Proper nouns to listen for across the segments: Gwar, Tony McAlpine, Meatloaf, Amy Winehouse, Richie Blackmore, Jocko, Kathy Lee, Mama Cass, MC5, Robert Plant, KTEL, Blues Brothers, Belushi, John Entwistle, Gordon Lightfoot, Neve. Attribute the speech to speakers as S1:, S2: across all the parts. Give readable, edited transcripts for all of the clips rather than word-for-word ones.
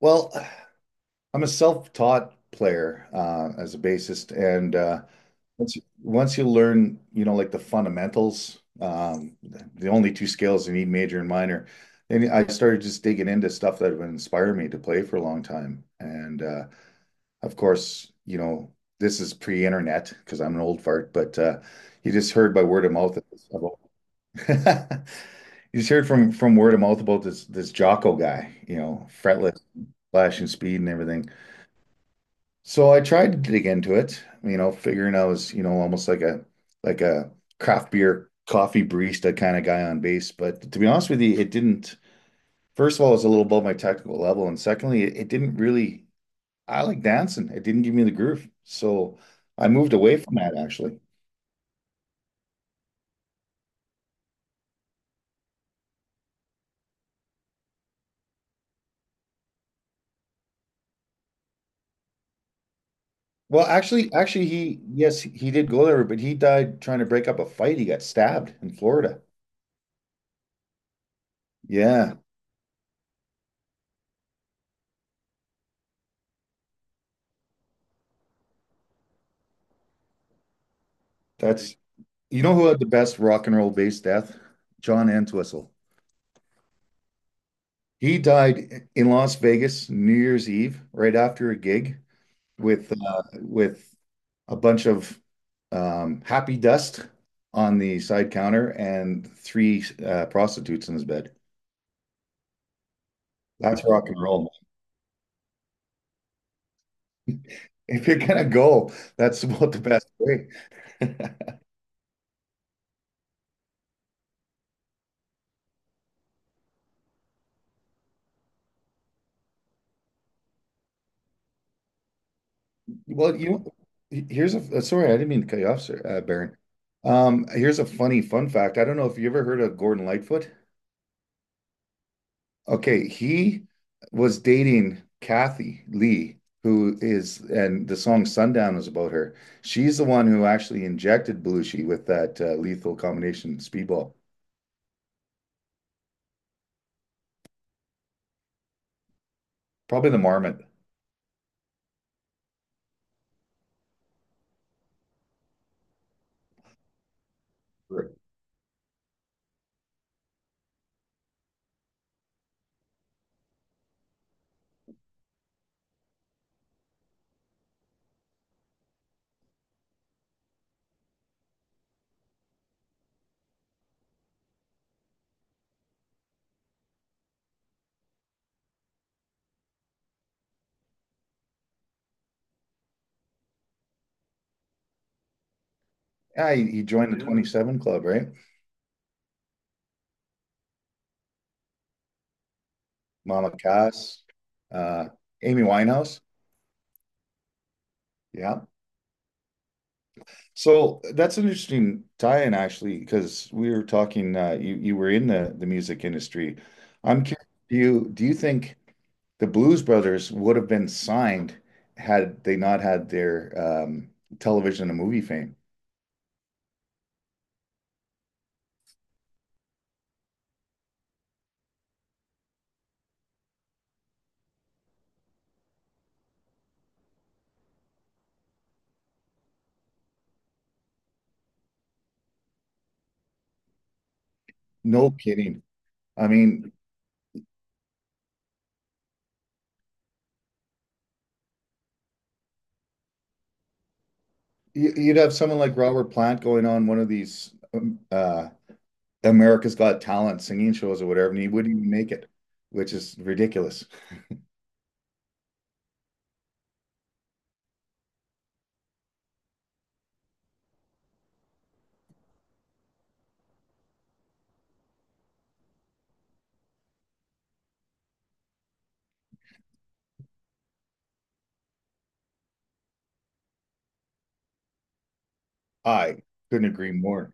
S1: Well, I'm a self-taught player as a bassist, and once you learn, you know, like the fundamentals, the only two scales you need, major and minor. And I started just digging into stuff that would inspire me to play for a long time. And Of course, you know, this is pre-internet because I'm an old fart, but you just heard by word of mouth about you just heard from word of mouth about this Jocko guy, you know, fretless, flashing speed and everything. So I tried to dig into it, you know, figuring I was, you know, almost like a craft beer coffee barista kind of guy on base. But to be honest with you, it didn't. First of all, it was a little above my technical level, and secondly, it didn't really. I like dancing. It didn't give me the groove, so I moved away from that actually. Well, actually, actually, he yes, he did go there, but he died trying to break up a fight. He got stabbed in Florida. Yeah, that's you know who had the best rock and roll bass death? John Entwistle. He died in Las Vegas New Year's Eve, right after a gig with a bunch of happy dust on the side counter and three prostitutes in his bed. That's rock and roll, man. If you're gonna go, that's about the best way. Well, you know, here's a sorry, I didn't mean to cut you off, sir, Baron. Here's a funny fun fact. I don't know if you ever heard of Gordon Lightfoot. Okay, he was dating Kathy Lee, who is, and the song Sundown was about her. She's the one who actually injected Belushi with that lethal combination speedball, probably the Marmot. Sure. Yeah, he joined the Yeah. 27 Club, right? Mama Cass, uh, Amy Winehouse. Yeah. So that's an interesting tie-in actually, because we were talking uh, you were in the music industry. I'm curious, do you think the Blues Brothers would have been signed had they not had their um, television and movie fame? No kidding. I mean, you'd have someone like Robert Plant going on one of these America's Got Talent singing shows or whatever, and he wouldn't even make it, which is ridiculous. I couldn't agree more.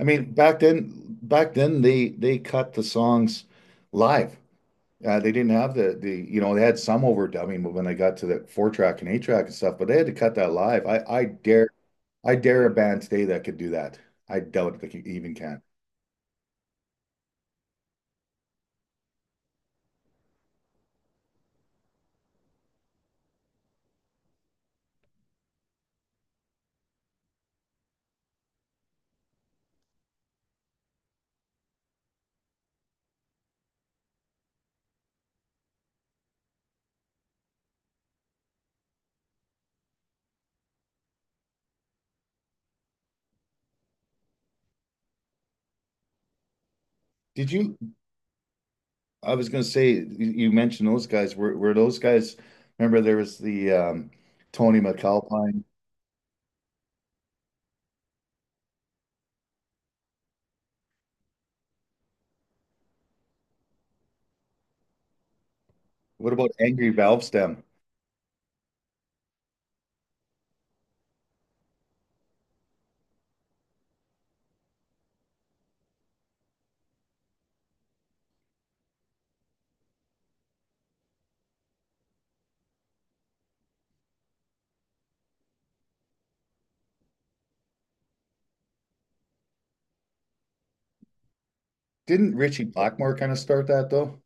S1: I mean, back then they cut the songs live. They didn't have the you know they had some overdubbing, but when they got to the four track and eight track and stuff, but they had to cut that live. I dare a band today that could do that. I doubt they even can. Did you? I was gonna say you you mentioned those guys. Were those guys? Remember there was the Tony McAlpine. What about Angry Valve Stem? Didn't Richie Blackmore kind of start that though?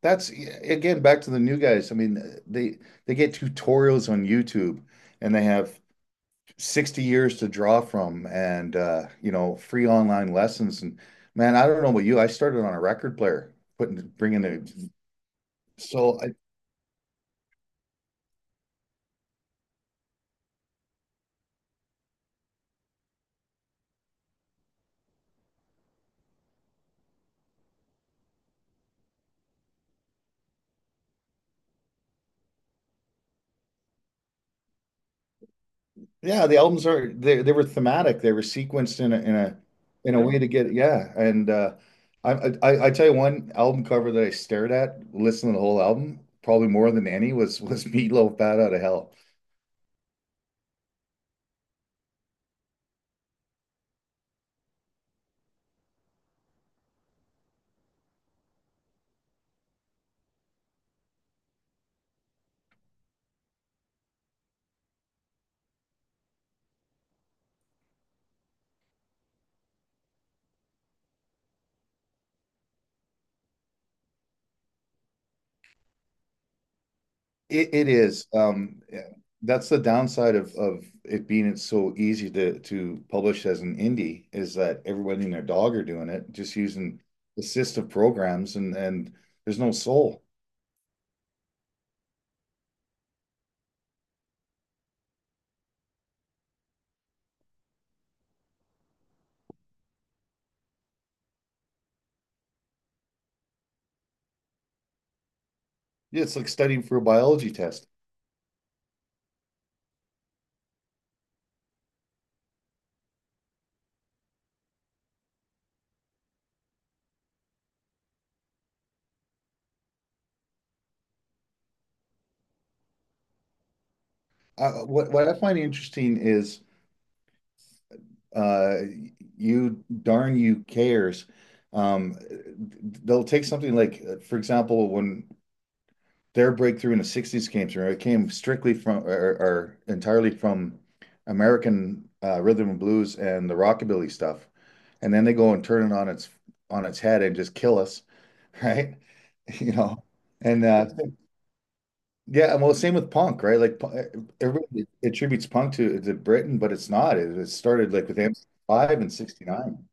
S1: That's yeah, again back to the new guys. I mean, they get tutorials on YouTube and they have 60 years to draw from and you know, free online lessons and man, I don't know about you. I started on a record player, putting bringing the so. Yeah, the albums are they were thematic. They were sequenced in a Yeah. way to get yeah. And I, I tell you one album cover that I stared at listening to the whole album probably more than any was Meatloaf Bad Out of Hell. It is yeah, that's the downside of it being it's so easy to publish as an indie is that everybody and their dog are doing it just using assistive programs and there's no soul. Yeah, it's like studying for a biology test. What I find interesting is uh, you darn you cares. Um, they'll take something like, for example, when their breakthrough in the '60s came through, it came strictly from or entirely from American rhythm and blues and the rockabilly stuff, and then they go and turn it on its head and just kill us, right? You know, and yeah, and well, same with punk, right? Like everybody attributes punk to Britain, but it's not. It started like with MC5 and 69.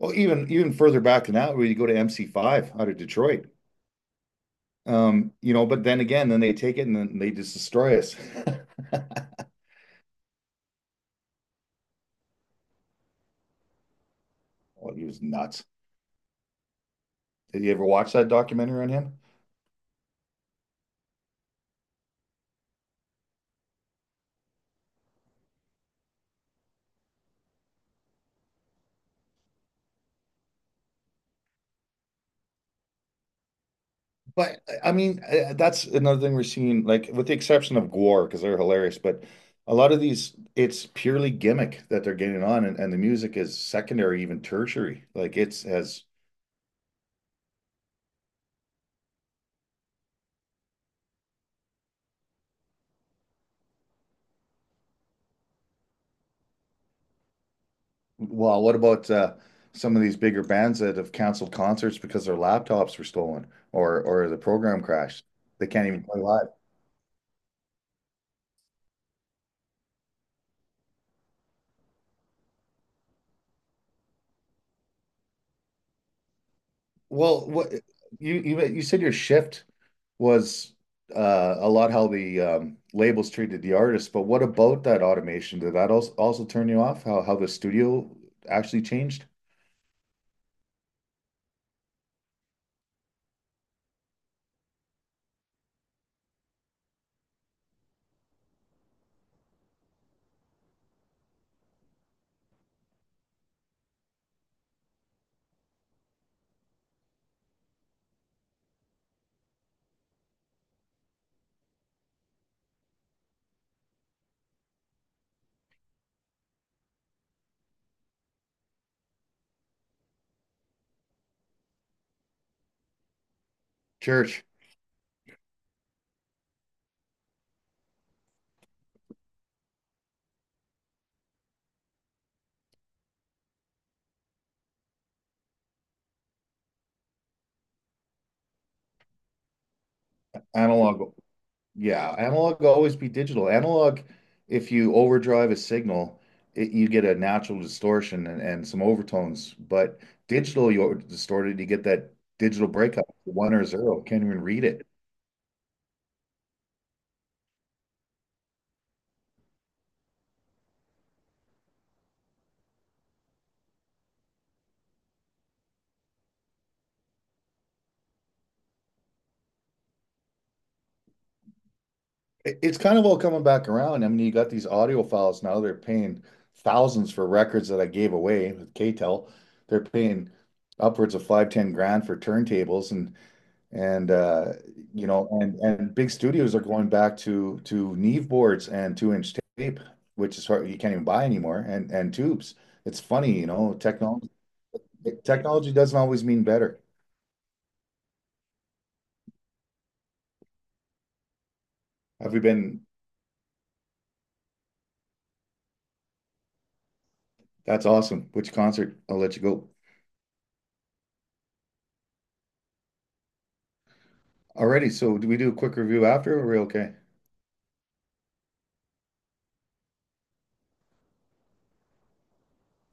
S1: Well, even even further back than that, we go to MC5 out of Detroit. You know, but then again, then they take it and then they just destroy us. Well, he was nuts. Did you ever watch that documentary on him? But I mean, that's another thing we're seeing, like with the exception of Gwar, because they're hilarious, but a lot of these, it's purely gimmick that they're getting on, and the music is secondary, even tertiary. Like it's as well, what about some of these bigger bands that have canceled concerts because their laptops were stolen or the program crashed? They can't even play live. Well, what you said your shift was a lot how the labels treated the artists, but what about that automation? Did that also turn you off? How the studio actually changed? Church, analog, yeah, analog will always be digital. Analog, if you overdrive a signal, it, you get a natural distortion and some overtones. But digital, you're distorted, you get that digital breakup, one or zero, can't even read it. It- it's kind of all coming back around. I mean, you got these audio files now. They're paying thousands for records that I gave away with KTEL. They're paying upwards of five, 10 grand for turntables and you know and big studios are going back to Neve boards and two-inch tape, which is hard, you can't even buy anymore, and tubes. It's funny, you know, technology doesn't always mean better. Have you been? That's awesome. Which concert? I'll let you go. Alrighty, so do we do a quick review after or are we okay?